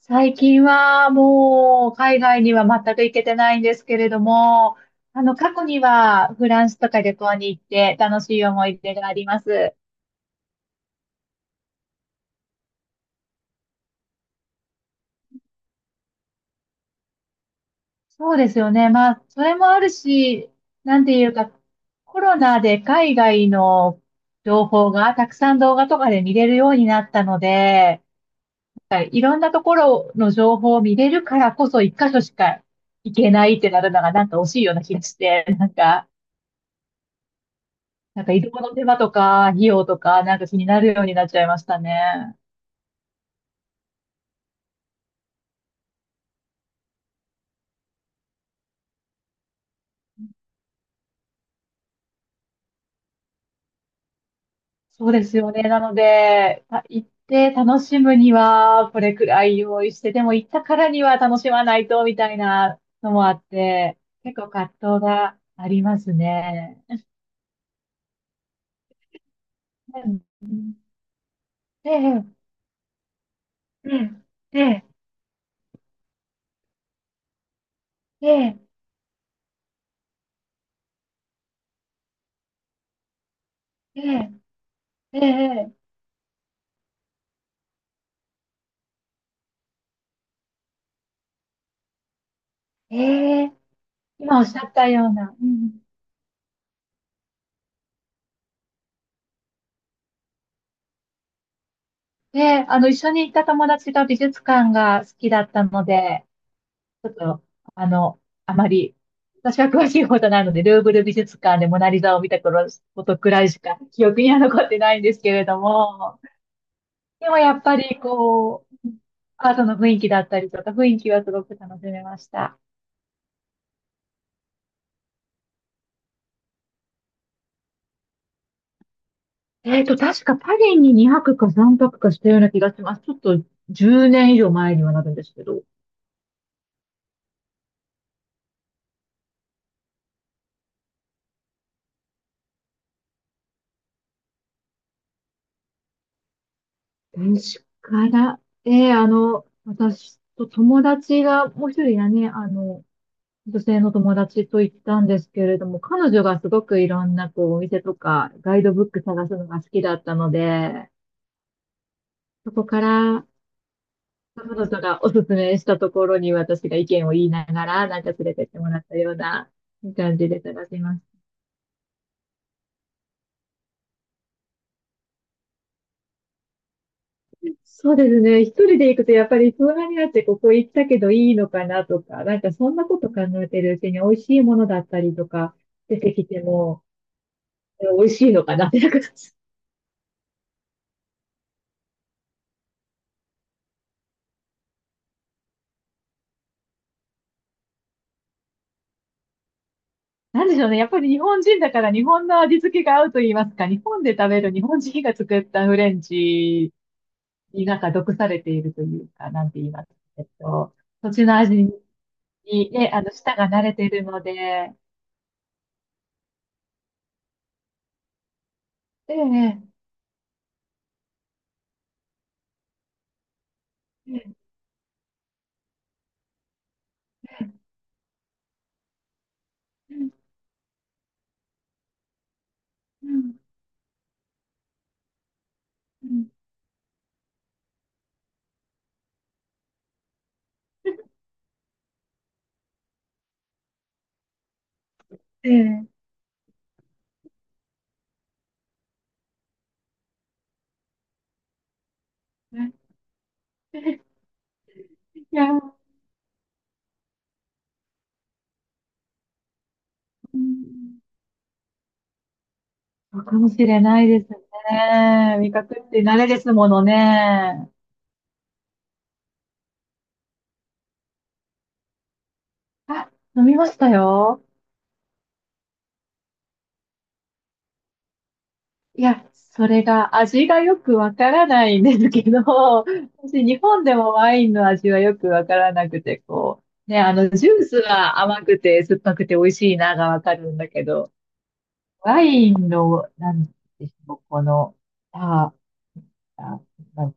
最近はもう海外には全く行けてないんですけれども、あの過去にはフランスとか旅行に行って楽しい思い出があります。そうですよね。まあ、それもあるし、なんていうか、コロナで海外の情報がたくさん動画とかで見れるようになったので、はいいろんなところの情報を見れるからこそ一箇所しか行けないってなるのがなんか惜しいような気がして、なんか移動の手間とか、費用とか、なんか気になるようになっちゃいましたね。そうですよね。なので、行って楽しむには、これくらい用意して、でも行ったからには楽しまないと、みたいなのもあって、結構葛藤がありますね。うん、ええ、うん、ええ、ええ、ええ、ええ、ええ、今おっしゃったような。うん。で、あの、一緒に行った友達が美術館が好きだったので、ちょっと、あの、あまり、私は詳しいことなので、ルーブル美術館でモナリザを見た頃ことくらいしか記憶には残ってないんですけれども、でもやっぱりこう、アートの雰囲気だったりとか、雰囲気はすごく楽しめました。確かパリに2泊か3泊かしたような気がします。ちょっと10年以上前にはなるんですけど。確かな。私と友達がもう一人がね、あの、女性の友達と行ったんですけれども、彼女がすごくいろんなこうお店とかガイドブック探すのが好きだったので、そこから彼女がおすすめしたところに私が意見を言いながら、なんか連れてってもらったような感じで探しました。そうですね。一人で行くとやっぱり相談になってここ行ったけどいいのかなとか、なんかそんなこと考えてるうちに美味しいものだったりとか出てきても、美味しいのかなってなんかなんでしょうね。やっぱり日本人だから日本の味付けが合うと言いますか、日本で食べる日本人が作ったフレンチになんか毒されているというか、なんて言いますか。土地の味にね、あの、舌が慣れているので、ええ、ええ、うん、うん、ええ、いや、うん、そうかもしれないですね。味覚って慣れですものね。あ、飲みましたよ。いや、それが味がよくわからないんですけど、私日本でもワインの味はよくわからなくて、こう、ね、あの、ジュースは甘くて酸っぱくて美味しいながわかるんだけど、ワインの、なんでしょう、この、あ、あ、な、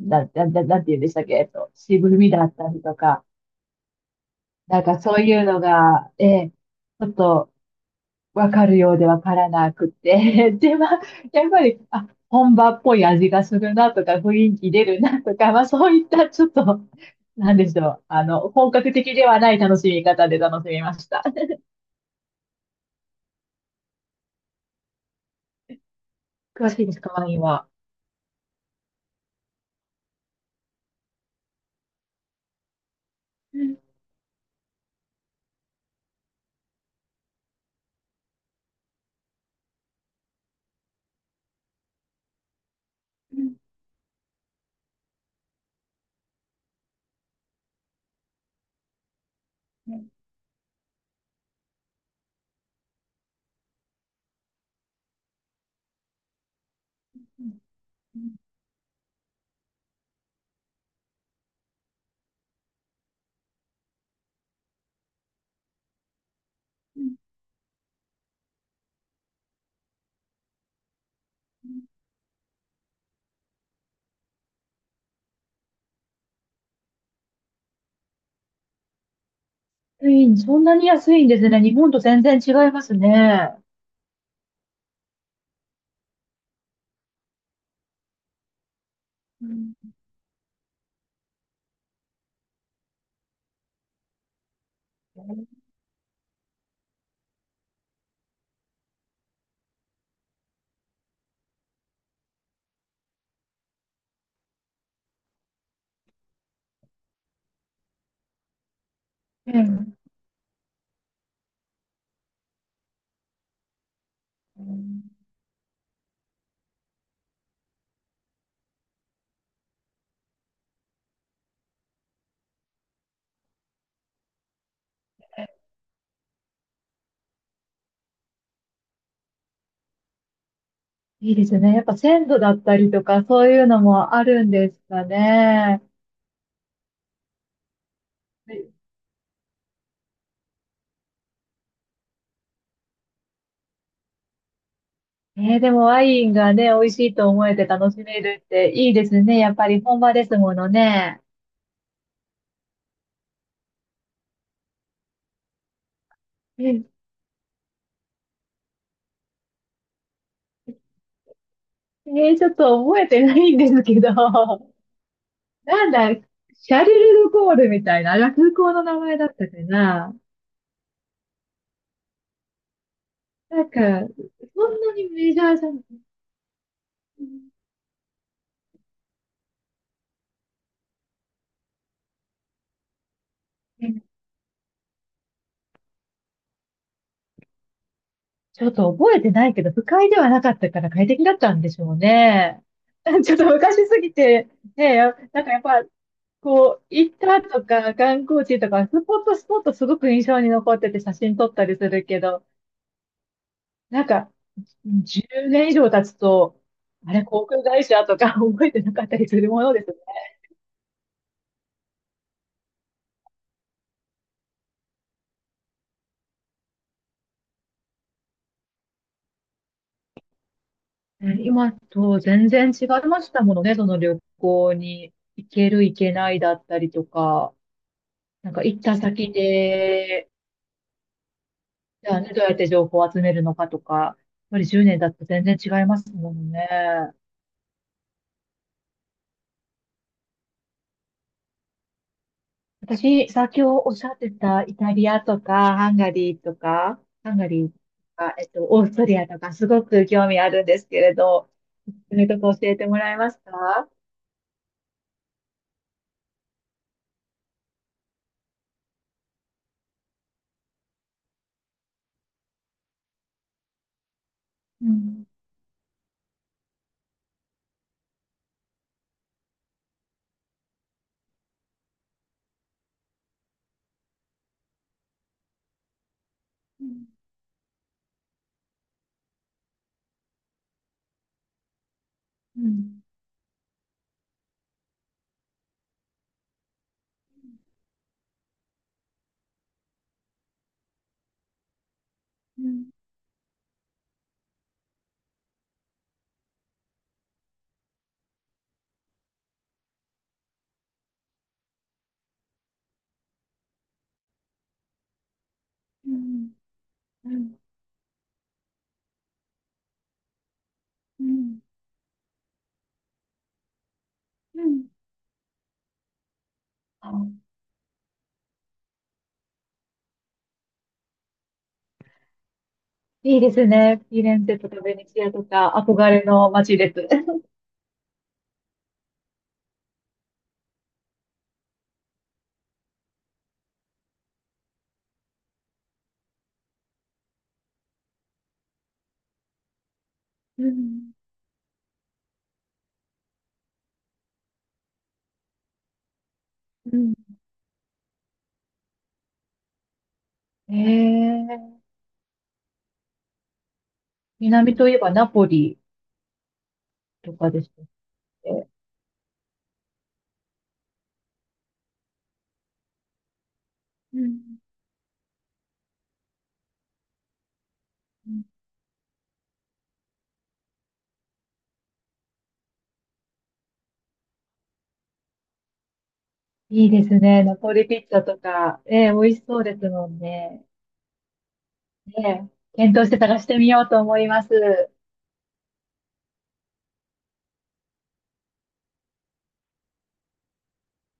なんて言うんでしたっけ、渋みだったりとか、なんかそういうのが、ええ、ちょっと、わかるようでわからなくて。で、まあ、やっぱり、あ、本場っぽい味がするなとか、雰囲気出るなとか、まあ、そういったちょっと、なんでしょう。あの、本格的ではない楽しみ方で楽しみました。詳しいですか、ワインは。ワインそんなに安いんですね。日本と全然違いますね。うん。うん。いいですね。やっぱ鮮度だったりとか、そういうのもあるんですかね。えー、でもワインがね、美味しいと思えて楽しめるっていいですね。やっぱり本場ですものね。えー、ちょっと覚えてないんですけど、なんだ、シャルル・ド・ゴールみたいな、あ空港の名前だったかな。なんか、そんなにメジャーじゃん。えー、ちょっと覚えてないけど、不快ではなかったから快適だったんでしょうね。ちょっと昔すぎて、ね、やなんかやっぱこう、行ったとか、観光地とか、スポットすごく印象に残ってて写真撮ったりするけど、なんか、10年以上経つと、あれ、航空会社とか 覚えてなかったりするものですね。今と全然違いましたものね、その旅行に行ける行けないだったりとか、なんか行った先で、じゃあね、どうやって情報を集めるのかとか、やっぱり10年だと全然違いますものね。私、先ほどおっしゃってたイタリアとか、ハンガリーとか、えっと、オーストリアとか、すごく興味あるんですけれど、そすとか教えてもらえますか。うん。うん。うん。うん。うん。うん。うん。うん。あ、いいですね。フィレンツェとかベネチアとか、憧れの街です。うん。うん。えー、南といえばナポリとかでしたっけ。うん。いいですね。ナポリピッツァとか、ええ、美味しそうですもんね。ねえ、検討して探してみようと思います。